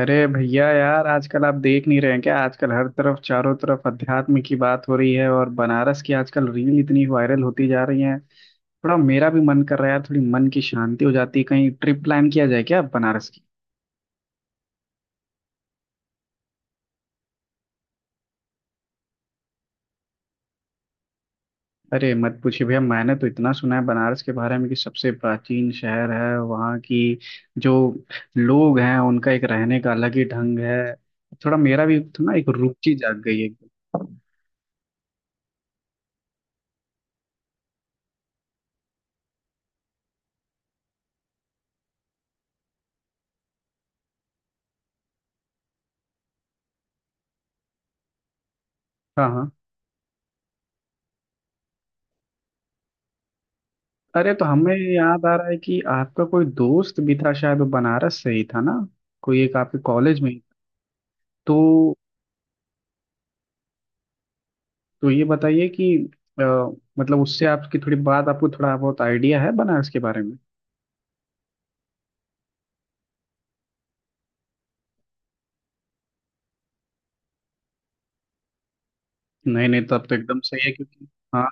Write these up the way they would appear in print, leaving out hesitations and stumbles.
अरे भैया यार, आजकल आप देख नहीं रहे हैं क्या? आजकल हर तरफ चारों तरफ अध्यात्म की बात हो रही है, और बनारस की आजकल रील इतनी वायरल होती जा रही है। थोड़ा मेरा भी मन कर रहा है यार, थोड़ी मन की शांति हो जाती है। कहीं ट्रिप प्लान किया जाए क्या बनारस की? अरे मत पूछिए भैया, मैंने तो इतना सुना है बनारस के बारे में कि सबसे प्राचीन शहर है। वहाँ की जो लोग हैं उनका एक रहने का अलग ही ढंग है। थोड़ा मेरा भी ना एक रुचि जाग गई है। हाँ, हाँ। अरे, तो हमें याद आ रहा है कि आपका कोई दोस्त भी था, शायद वो बनारस से ही था ना? कोई एक आपके कॉलेज में ही। तो तो ये बताइए कि अ, मतलब उससे आपकी थोड़ी बात, आपको थोड़ा बहुत आइडिया है बनारस के बारे में? नहीं, नहीं, तब तो एकदम सही है क्योंकि। हाँ।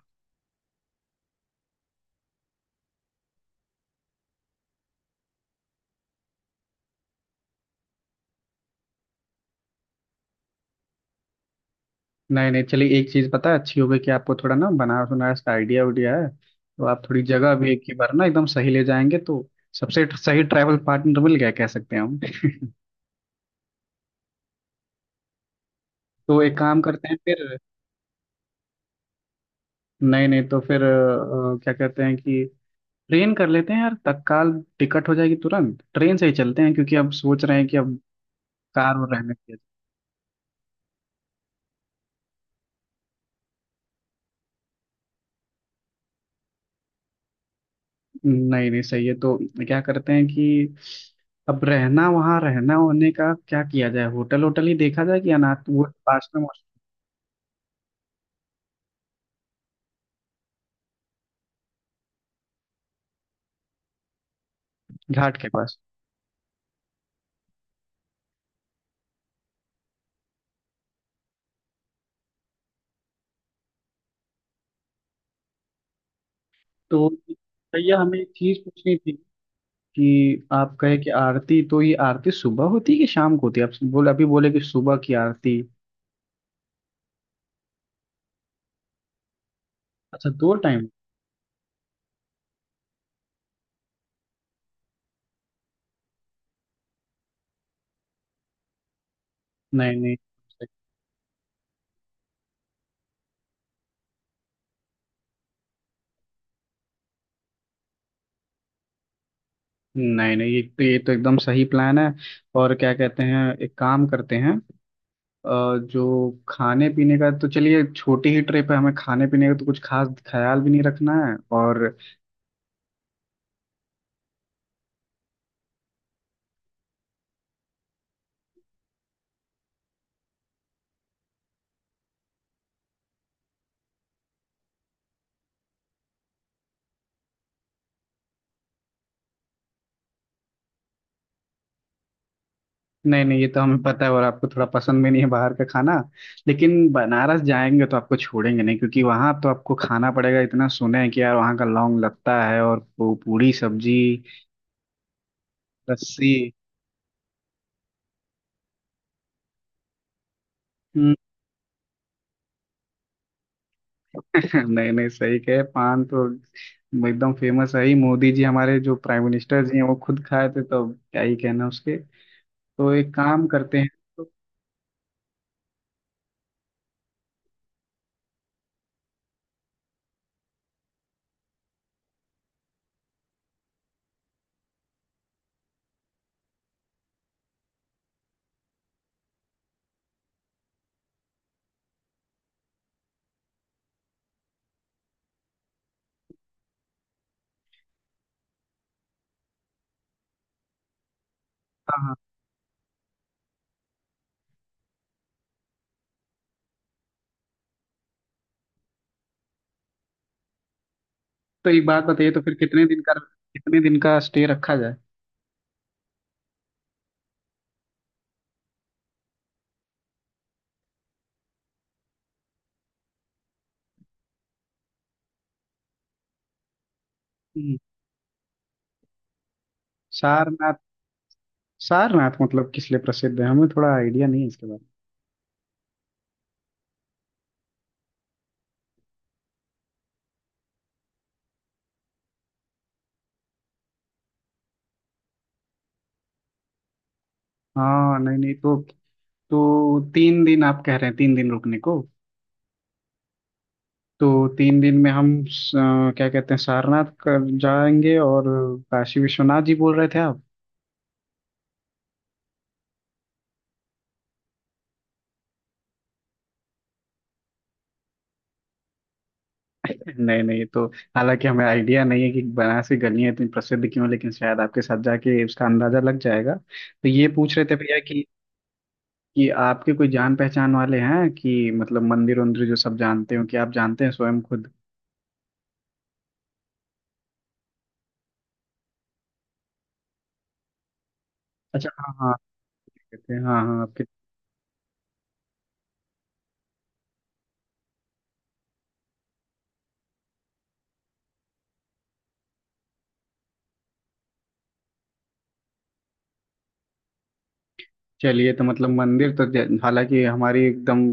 नहीं, नहीं, चलिए एक चीज़ पता है, अच्छी हो गई कि आपको थोड़ा ना बनारस बनारस का आइडिया उडिया है, तो आप थोड़ी जगह भी एक ही बार ना एकदम सही ले जाएंगे। तो सबसे सही ट्रैवल पार्टनर मिल गया कह सकते हैं हम। तो एक काम करते हैं फिर। नहीं, नहीं, तो फिर क्या कहते हैं कि ट्रेन कर लेते हैं यार, तत्काल टिकट हो जाएगी, तुरंत ट्रेन से ही चलते हैं, क्योंकि अब सोच रहे हैं कि अब कार और रहने के। नहीं, नहीं, सही है, तो क्या करते हैं कि अब रहना, वहाँ रहना होने का क्या किया जाए? होटल होटल ही देखा जाए कि अनाथ वो पास में मौसम। घाट के पास? तो भैया हमें एक चीज पूछनी थी कि आप कहे कि आरती, तो ये आरती सुबह होती है कि शाम को होती है? आप बोले, अभी बोले कि सुबह की आरती। अच्छा, दो टाइम? नहीं, नहीं। नहीं, नहीं, ये तो एकदम सही प्लान है। और क्या कहते हैं, एक काम करते हैं, जो खाने पीने का, तो चलिए छोटी ही ट्रिप है, हमें खाने पीने का तो कुछ खास ख्याल भी नहीं रखना है, और। नहीं, नहीं, ये तो हमें पता है, और आपको थोड़ा पसंद भी नहीं है बाहर का खाना। लेकिन बनारस जाएंगे तो आपको छोड़ेंगे नहीं, क्योंकि वहाँ तो आपको खाना पड़ेगा। इतना सुने हैं कि यार वहाँ का लौंग लत्ता है और पूरी सब्जी। लस्सी। नहीं, नहीं, सही कहे, पान तो एकदम फेमस है ही। मोदी जी, हमारे जो प्राइम मिनिस्टर जी हैं, वो खुद खाए थे, तो अब क्या ही कहना उसके। तो एक काम करते हैं। तो। हाँ, हाँ। तो एक बात बताइए, तो फिर कितने दिन का स्टे रखा जाए? हम्म। सारनाथ? सारनाथ मतलब किस लिए प्रसिद्ध है? हमें थोड़ा आइडिया नहीं है इसके बारे में। हाँ, नहीं, नहीं, तो 3 दिन आप कह रहे हैं, 3 दिन रुकने को? तो 3 दिन में हम क्या कहते हैं, सारनाथ कर जाएंगे, और काशी विश्वनाथ जी बोल रहे थे आप। नहीं, नहीं, तो हालांकि हमें आइडिया नहीं है कि बनारस की गलियां इतनी प्रसिद्ध क्यों हैं, लेकिन शायद आपके साथ जाके उसका अंदाजा लग जाएगा। तो ये पूछ रहे थे भैया कि आपके कोई जान पहचान वाले हैं कि मतलब मंदिर उंदिर जो सब जानते हो, कि आप जानते हैं स्वयं खुद? अच्छा, हाँ, हाँ। कहते हैं, हाँ, हाँ, आपके। चलिए, तो मतलब मंदिर तो हालांकि हमारी एकदम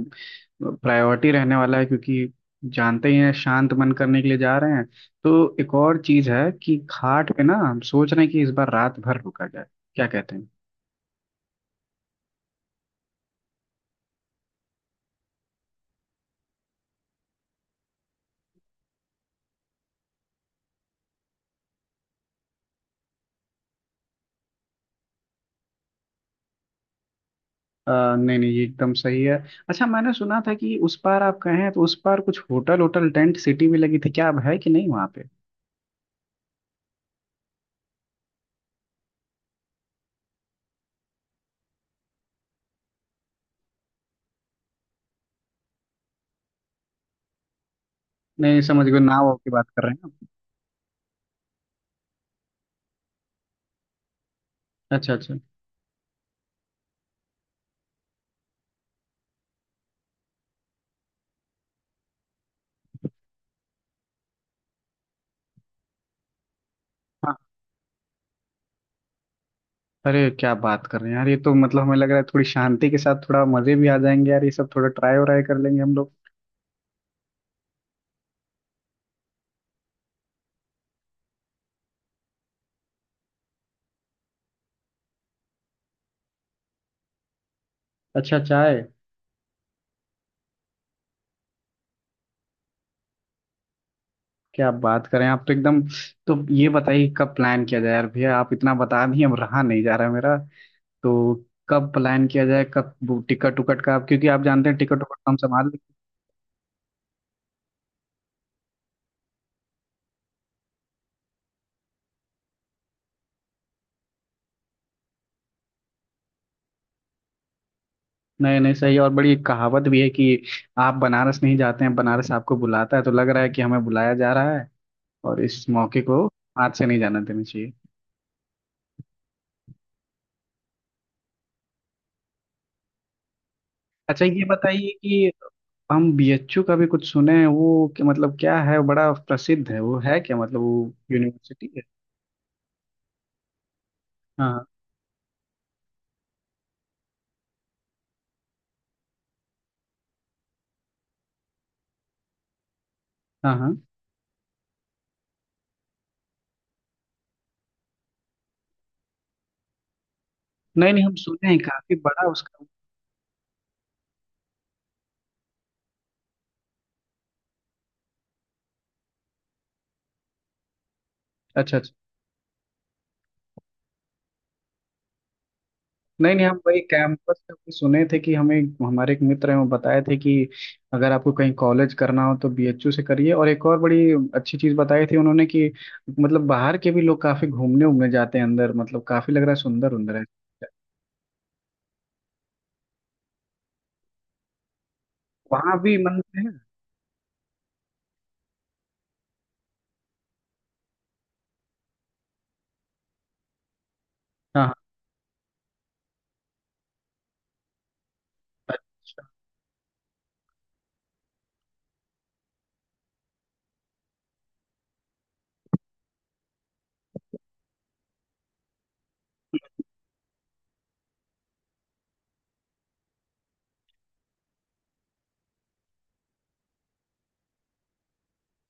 प्रायोरिटी रहने वाला है, क्योंकि जानते ही हैं शांत मन करने के लिए जा रहे हैं। तो एक और चीज है कि घाट पे ना हम सोच रहे हैं कि इस बार रात भर रुका जाए, क्या कहते हैं? अ, नहीं, नहीं, ये एकदम सही है। अच्छा, मैंने सुना था कि उस पार, आप कहे हैं तो उस पार कुछ होटल होटल टेंट सिटी भी लगी थी क्या? अब है कि नहीं वहाँ पे? नहीं, नहीं, समझ गए, नाव की बात कर रहे हैं आप। अच्छा, अच्छा। हाँ। अरे क्या बात कर रहे हैं यार! ये तो मतलब हमें लग रहा है थोड़ी शांति के साथ थोड़ा मजे भी आ जाएंगे, यार ये सब थोड़ा ट्राई व्राई कर लेंगे हम लोग। अच्छा, चाय? क्या बात करें, आप तो एकदम। तो ये बताइए, कब प्लान किया जाए यार भैया, आप इतना बता दिए, अब रहा नहीं जा रहा है मेरा। तो कब प्लान किया जाए, कब टिकट उकट का आप, क्योंकि आप जानते हैं टिकट उकट तो हम संभाल। नहीं, नहीं, सही है, और बड़ी कहावत भी है कि आप बनारस नहीं जाते हैं, बनारस आपको बुलाता है। तो लग रहा है कि हमें बुलाया जा रहा है, और इस मौके को हाथ से नहीं जाने देना चाहिए। अच्छा, ये बताइए कि हम बीएचयू का भी कुछ सुने हैं वो, कि मतलब क्या है, बड़ा प्रसिद्ध है, वो है क्या, मतलब वो यूनिवर्सिटी है? हाँ, हाँ, हाँ, हाँ। नहीं, नहीं, हम सुने हैं काफी बड़ा उसका। अच्छा, अच्छा। नहीं, नहीं, हम वही कैंपस पे भी सुने थे कि हमें, हमारे एक मित्र हैं, वो बताए थे कि अगर आपको कहीं कॉलेज करना हो तो बीएचयू से करिए। और एक और बड़ी अच्छी चीज़ बताई थी उन्होंने कि मतलब बाहर के भी लोग काफी घूमने उमने जाते हैं अंदर, मतलब काफी लग रहा है सुंदर उंदर है। वहाँ भी मंदिर है? हाँ, हाँ। अच्छा।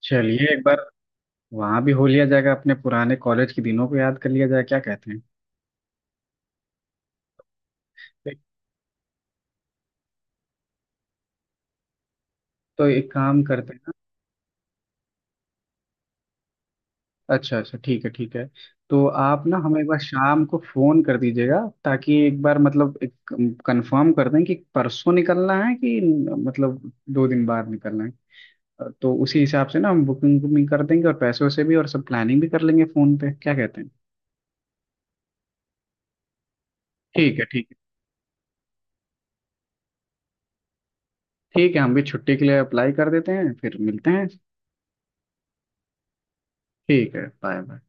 चलिए एक बार वहाँ भी हो लिया जाएगा, अपने पुराने कॉलेज के दिनों को याद कर लिया जाए, क्या कहते हैं? तो एक काम करते हैं। अच्छा, अच्छा, ठीक है, ठीक है। तो आप ना हमें एक बार शाम को फोन कर दीजिएगा, ताकि एक बार मतलब एक कंफर्म कर दें कि परसों निकलना है, कि मतलब 2 दिन बाद निकलना है, तो उसी हिसाब से ना हम बुकिंग बुकिंग कर देंगे और पैसों से भी, और सब प्लानिंग भी कर लेंगे फोन पे, क्या कहते हैं? ठीक है, ठीक है। ठीक है, हम भी छुट्टी के लिए अप्लाई कर देते हैं, फिर मिलते हैं। ठीक है, बाय, बाय।